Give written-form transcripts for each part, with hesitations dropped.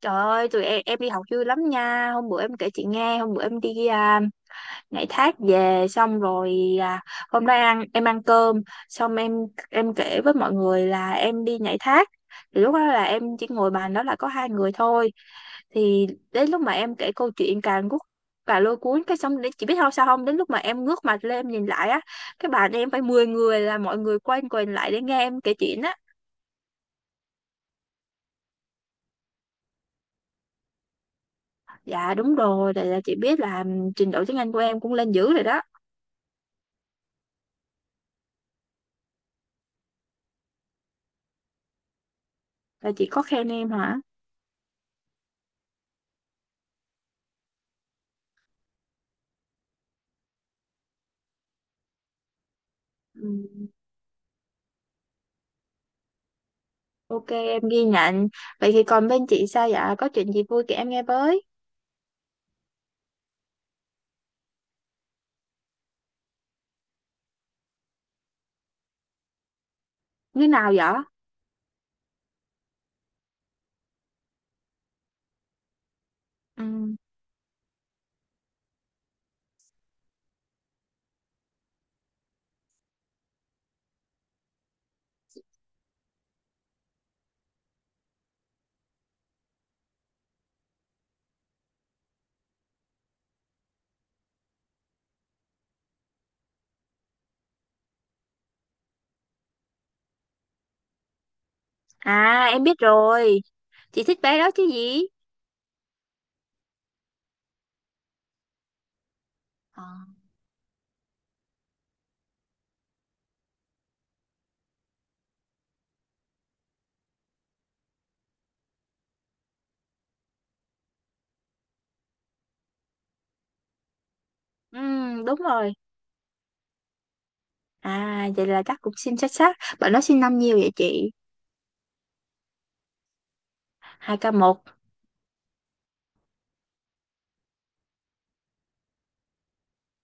Trời ơi, em đi học vui lắm nha. Hôm bữa em kể chị nghe. Hôm bữa em đi nhảy thác về xong rồi. Hôm đó em ăn cơm xong em kể với mọi người là em đi nhảy thác. Thì lúc đó là em chỉ ngồi bàn đó là có hai người thôi. Thì đến lúc mà em kể câu chuyện càng lôi cuốn, cái xong đến, chị biết không, sao không, đến lúc mà em ngước mặt lên em nhìn lại á, cái bàn em phải 10 người, là mọi người quay quần lại để nghe em kể chuyện á. Dạ đúng rồi, tại là chị biết là trình độ tiếng Anh của em cũng lên dữ rồi đó. Là chị có khen em hả? Ừ. Ok em ghi nhận. Vậy thì còn bên chị sao, dạ có chuyện gì vui kể em nghe với? Như nào vậy? Ừ. À em biết rồi, chị thích bé đó chứ gì? Ờ. Ừ, đúng rồi. À vậy là chắc cũng xin xuất sắc, bạn nó sinh năm nhiêu vậy chị? 2k1?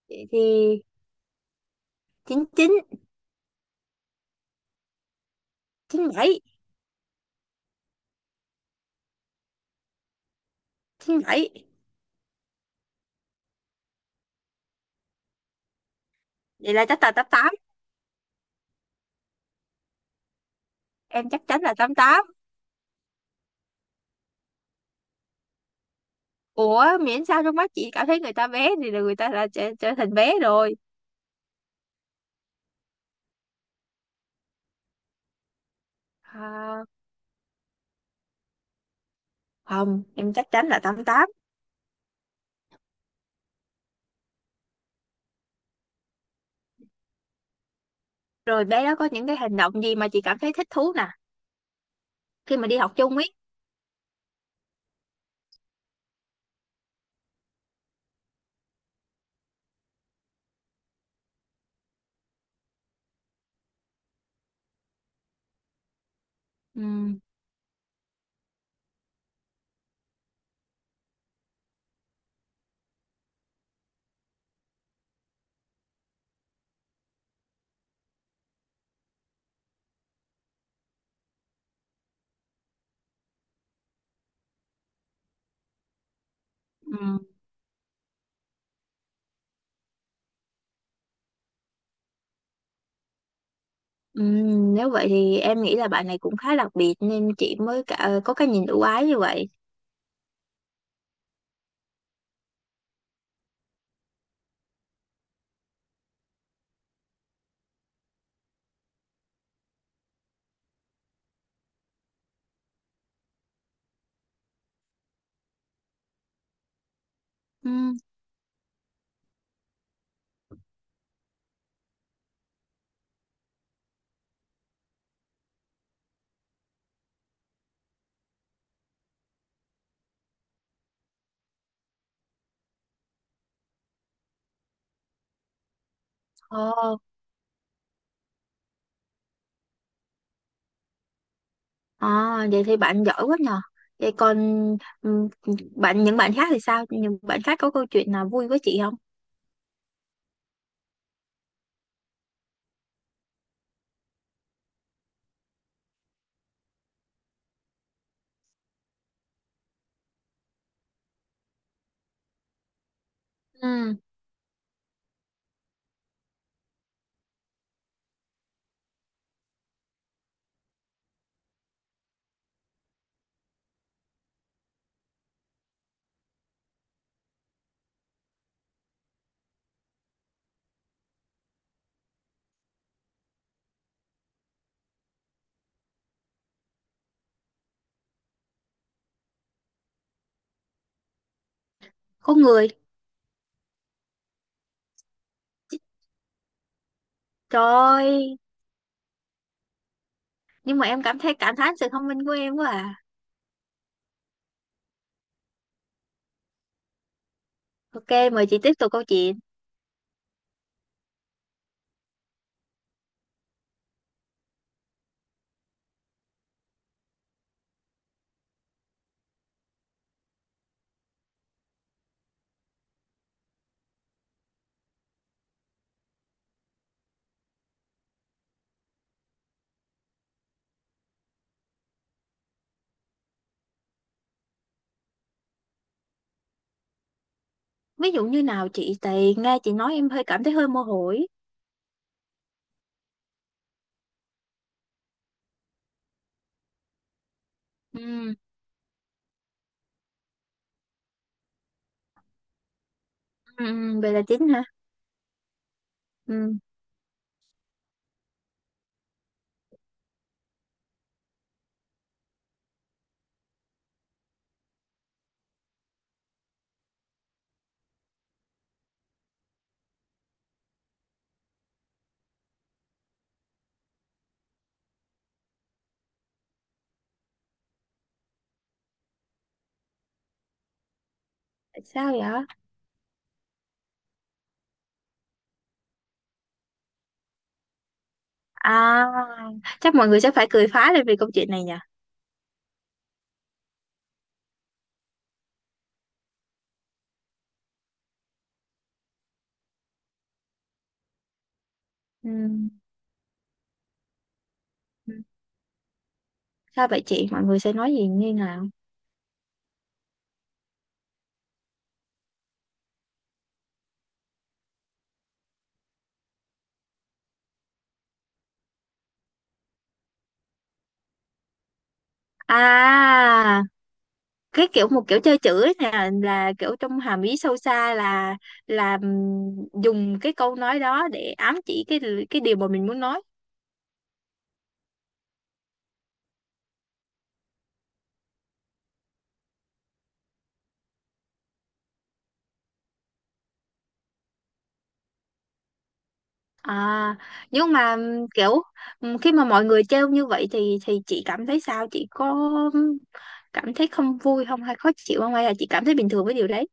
Vậy thì 99? 97? Chín bảy vậy là chắc là 88. Em chắc chắn là 88. Ủa miễn sao trong mắt chị cảm thấy người ta bé thì là người ta là trở thành bé rồi. À, không em chắc chắn là 88. Rồi bé đó có những cái hành động gì mà chị cảm thấy thích thú nè, khi mà đi học chung ấy? Ừ. Ừ. Ừ. Nếu vậy thì em nghĩ là bạn này cũng khá đặc biệt nên chị mới có cái nhìn ưu ái như vậy. Ừ. ờ, ờ, vậy thì bạn giỏi quá nhờ. Vậy còn ừ, bạn những bạn khác thì sao, những bạn khác có câu chuyện nào vui với chị không? Ừ. Có người. Trời ơi, nhưng mà em cảm thấy cảm thán sự thông minh của em quá à. Ok, mời chị tiếp tục câu chuyện. Ví dụ như nào chị, tại nghe chị nói em hơi cảm thấy hơi mơ hồ ý. Ừ. Ừ. Ừ. Vậy là chính hả? Ừ. Tại sao vậy? À, chắc mọi người sẽ phải cười phá lên vì câu chuyện này nhỉ? Ừ. Ừ. Sao vậy chị? Mọi người sẽ nói gì như nào? À, cái kiểu, một kiểu chơi chữ ấy nè, là kiểu trong hàm ý sâu xa là dùng cái câu nói đó để ám chỉ cái điều mà mình muốn nói. À, nhưng mà kiểu khi mà mọi người trêu như vậy thì chị cảm thấy sao? Chị có ừm, cảm thấy không vui không, hay khó chịu không, hay là chị cảm thấy bình thường với điều đấy?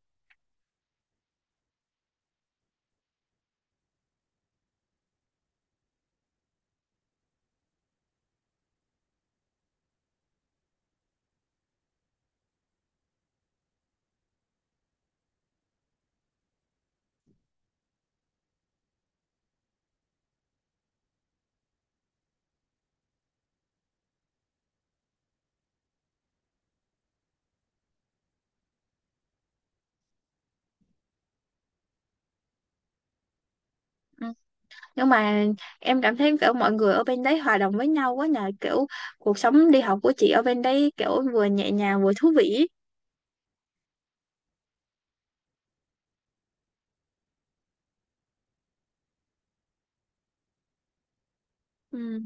Ừ. Nhưng mà em cảm thấy kiểu mọi người ở bên đấy hòa đồng với nhau quá nhờ, kiểu cuộc sống đi học của chị ở bên đấy kiểu vừa nhẹ nhàng vừa thú vị. Ừ.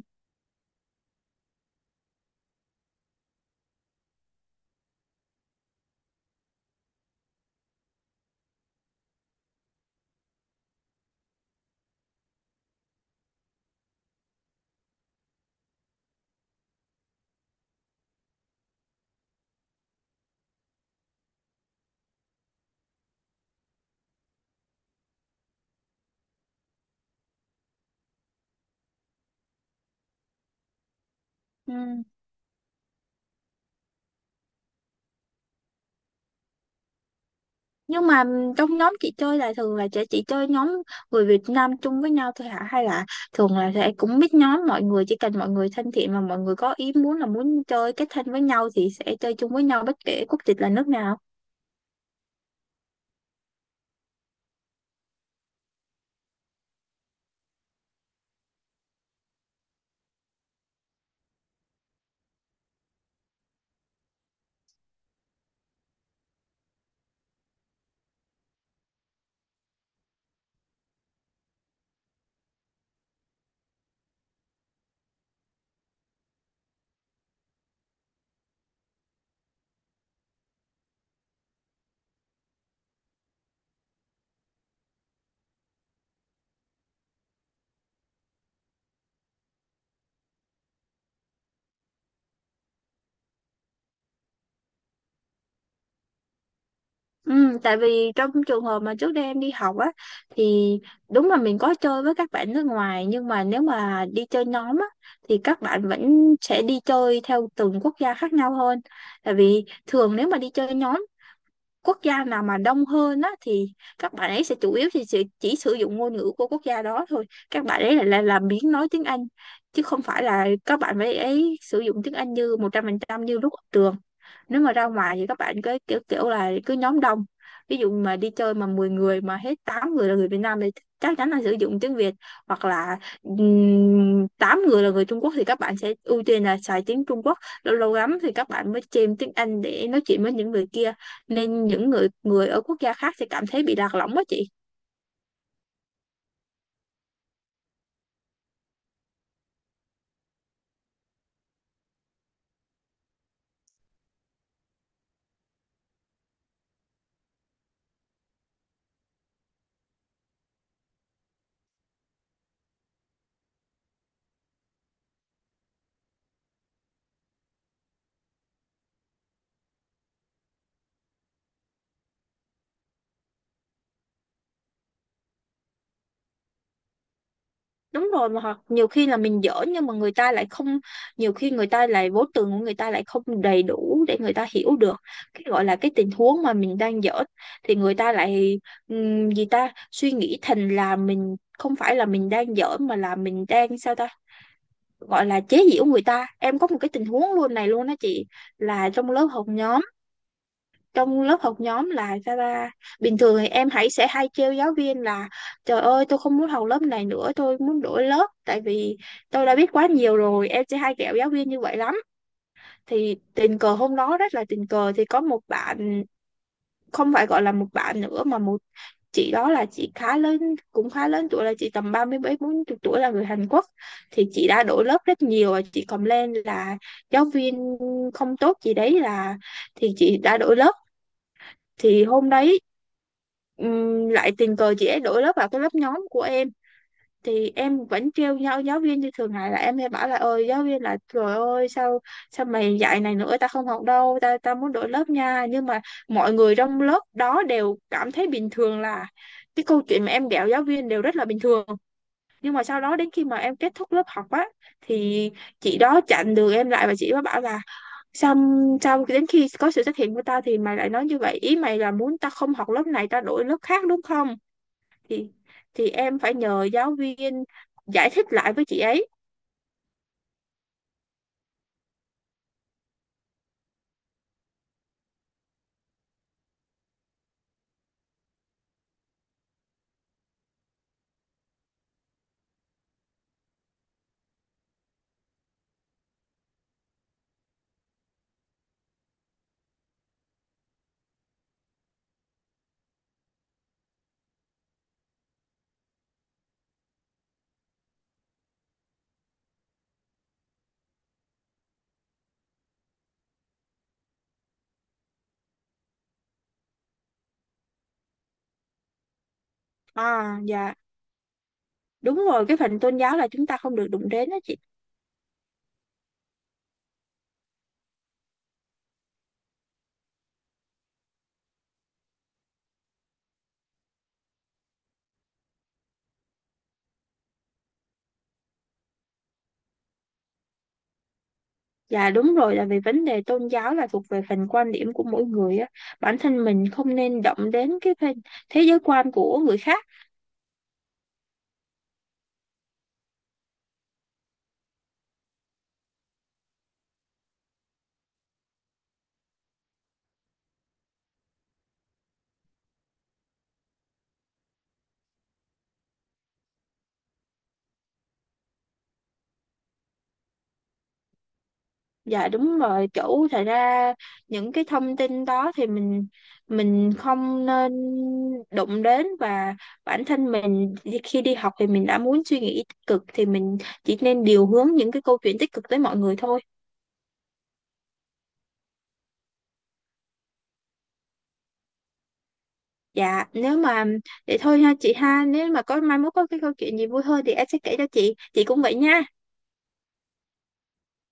Ừ. Nhưng mà trong nhóm chị chơi là thường là chị chơi nhóm người Việt Nam chung với nhau thôi hả? Hay là thường là sẽ cũng biết nhóm mọi người, chỉ cần mọi người thân thiện mà mọi người có ý muốn là muốn chơi kết thân với nhau thì sẽ chơi chung với nhau bất kể quốc tịch là nước nào. Ừ, tại vì trong trường hợp mà trước đây em đi học á, thì đúng là mình có chơi với các bạn nước ngoài nhưng mà nếu mà đi chơi nhóm á thì các bạn vẫn sẽ đi chơi theo từng quốc gia khác nhau hơn. Tại vì thường nếu mà đi chơi nhóm, quốc gia nào mà đông hơn á thì các bạn ấy sẽ chủ yếu thì chỉ sử dụng ngôn ngữ của quốc gia đó thôi, các bạn ấy lại là biến nói tiếng Anh chứ không phải là các bạn ấy sử dụng tiếng Anh như 100% như lúc ở trường. Nếu mà ra ngoài thì các bạn cứ kiểu kiểu là cứ nhóm đông, ví dụ mà đi chơi mà 10 người mà hết 8 người là người Việt Nam thì chắc chắn là sử dụng tiếng Việt, hoặc là 8 người là người Trung Quốc thì các bạn sẽ ưu tiên là xài tiếng Trung Quốc, lâu lâu lắm thì các bạn mới chêm tiếng Anh để nói chuyện với những người kia, nên những người người ở quốc gia khác sẽ cảm thấy bị lạc lõng đó chị. Đúng rồi, mà hoặc nhiều khi là mình dở nhưng mà người ta lại không, nhiều khi người ta lại vốn từ của người ta lại không đầy đủ để người ta hiểu được cái gọi là cái tình huống mà mình đang dở, thì người ta lại gì ta, suy nghĩ thành là mình không phải là mình đang dở mà là mình đang sao ta gọi là chế giễu người ta. Em có một cái tình huống luôn này luôn đó chị, là trong lớp học nhóm. Trong lớp học nhóm là sao ta, bình thường thì em hãy sẽ hay trêu giáo viên là trời ơi tôi không muốn học lớp này nữa, tôi muốn đổi lớp tại vì tôi đã biết quá nhiều rồi, em sẽ hay ghẹo giáo viên như vậy lắm. Thì tình cờ hôm đó rất là tình cờ thì có một bạn, không phải gọi là một bạn nữa mà một chị đó, là chị khá lớn, cũng khá lớn tuổi, là chị tầm ba mươi mấy bốn chục tuổi, là người Hàn Quốc. Thì chị đã đổi lớp rất nhiều và chị cầm lên là giáo viên không tốt gì đấy, là thì chị đã đổi lớp. Thì hôm đấy lại tình cờ chị ấy đổi lớp vào cái lớp nhóm của em. Thì em vẫn trêu nhau giáo viên như thường ngày là em hay bảo là ơi giáo viên là trời ơi, sao sao mày dạy này nữa, ta không học đâu, ta ta muốn đổi lớp nha. Nhưng mà mọi người trong lớp đó đều cảm thấy bình thường, là cái câu chuyện mà em ghẹo giáo viên đều rất là bình thường. Nhưng mà sau đó đến khi mà em kết thúc lớp học á thì chị đó chặn đường em lại và chị đó bảo là xong xong đến khi có sự xuất hiện của tao thì mày lại nói như vậy, ý mày là muốn tao không học lớp này, tao đổi lớp khác đúng không? Thì em phải nhờ giáo viên giải thích lại với chị ấy. À dạ đúng rồi, cái phần tôn giáo là chúng ta không được đụng đến đó chị. Dạ đúng rồi, là vì vấn đề tôn giáo là thuộc về phần quan điểm của mỗi người á, bản thân mình không nên động đến cái phần thế giới quan của người khác. Dạ đúng rồi, chủ thật ra những cái thông tin đó thì mình không nên đụng đến, và bản thân mình thì khi đi học thì mình đã muốn suy nghĩ tích cực thì mình chỉ nên điều hướng những cái câu chuyện tích cực tới mọi người thôi. Dạ, nếu mà để thôi ha chị ha, nếu mà có mai mốt có cái câu chuyện gì vui hơn thì em sẽ kể cho chị cũng vậy nha.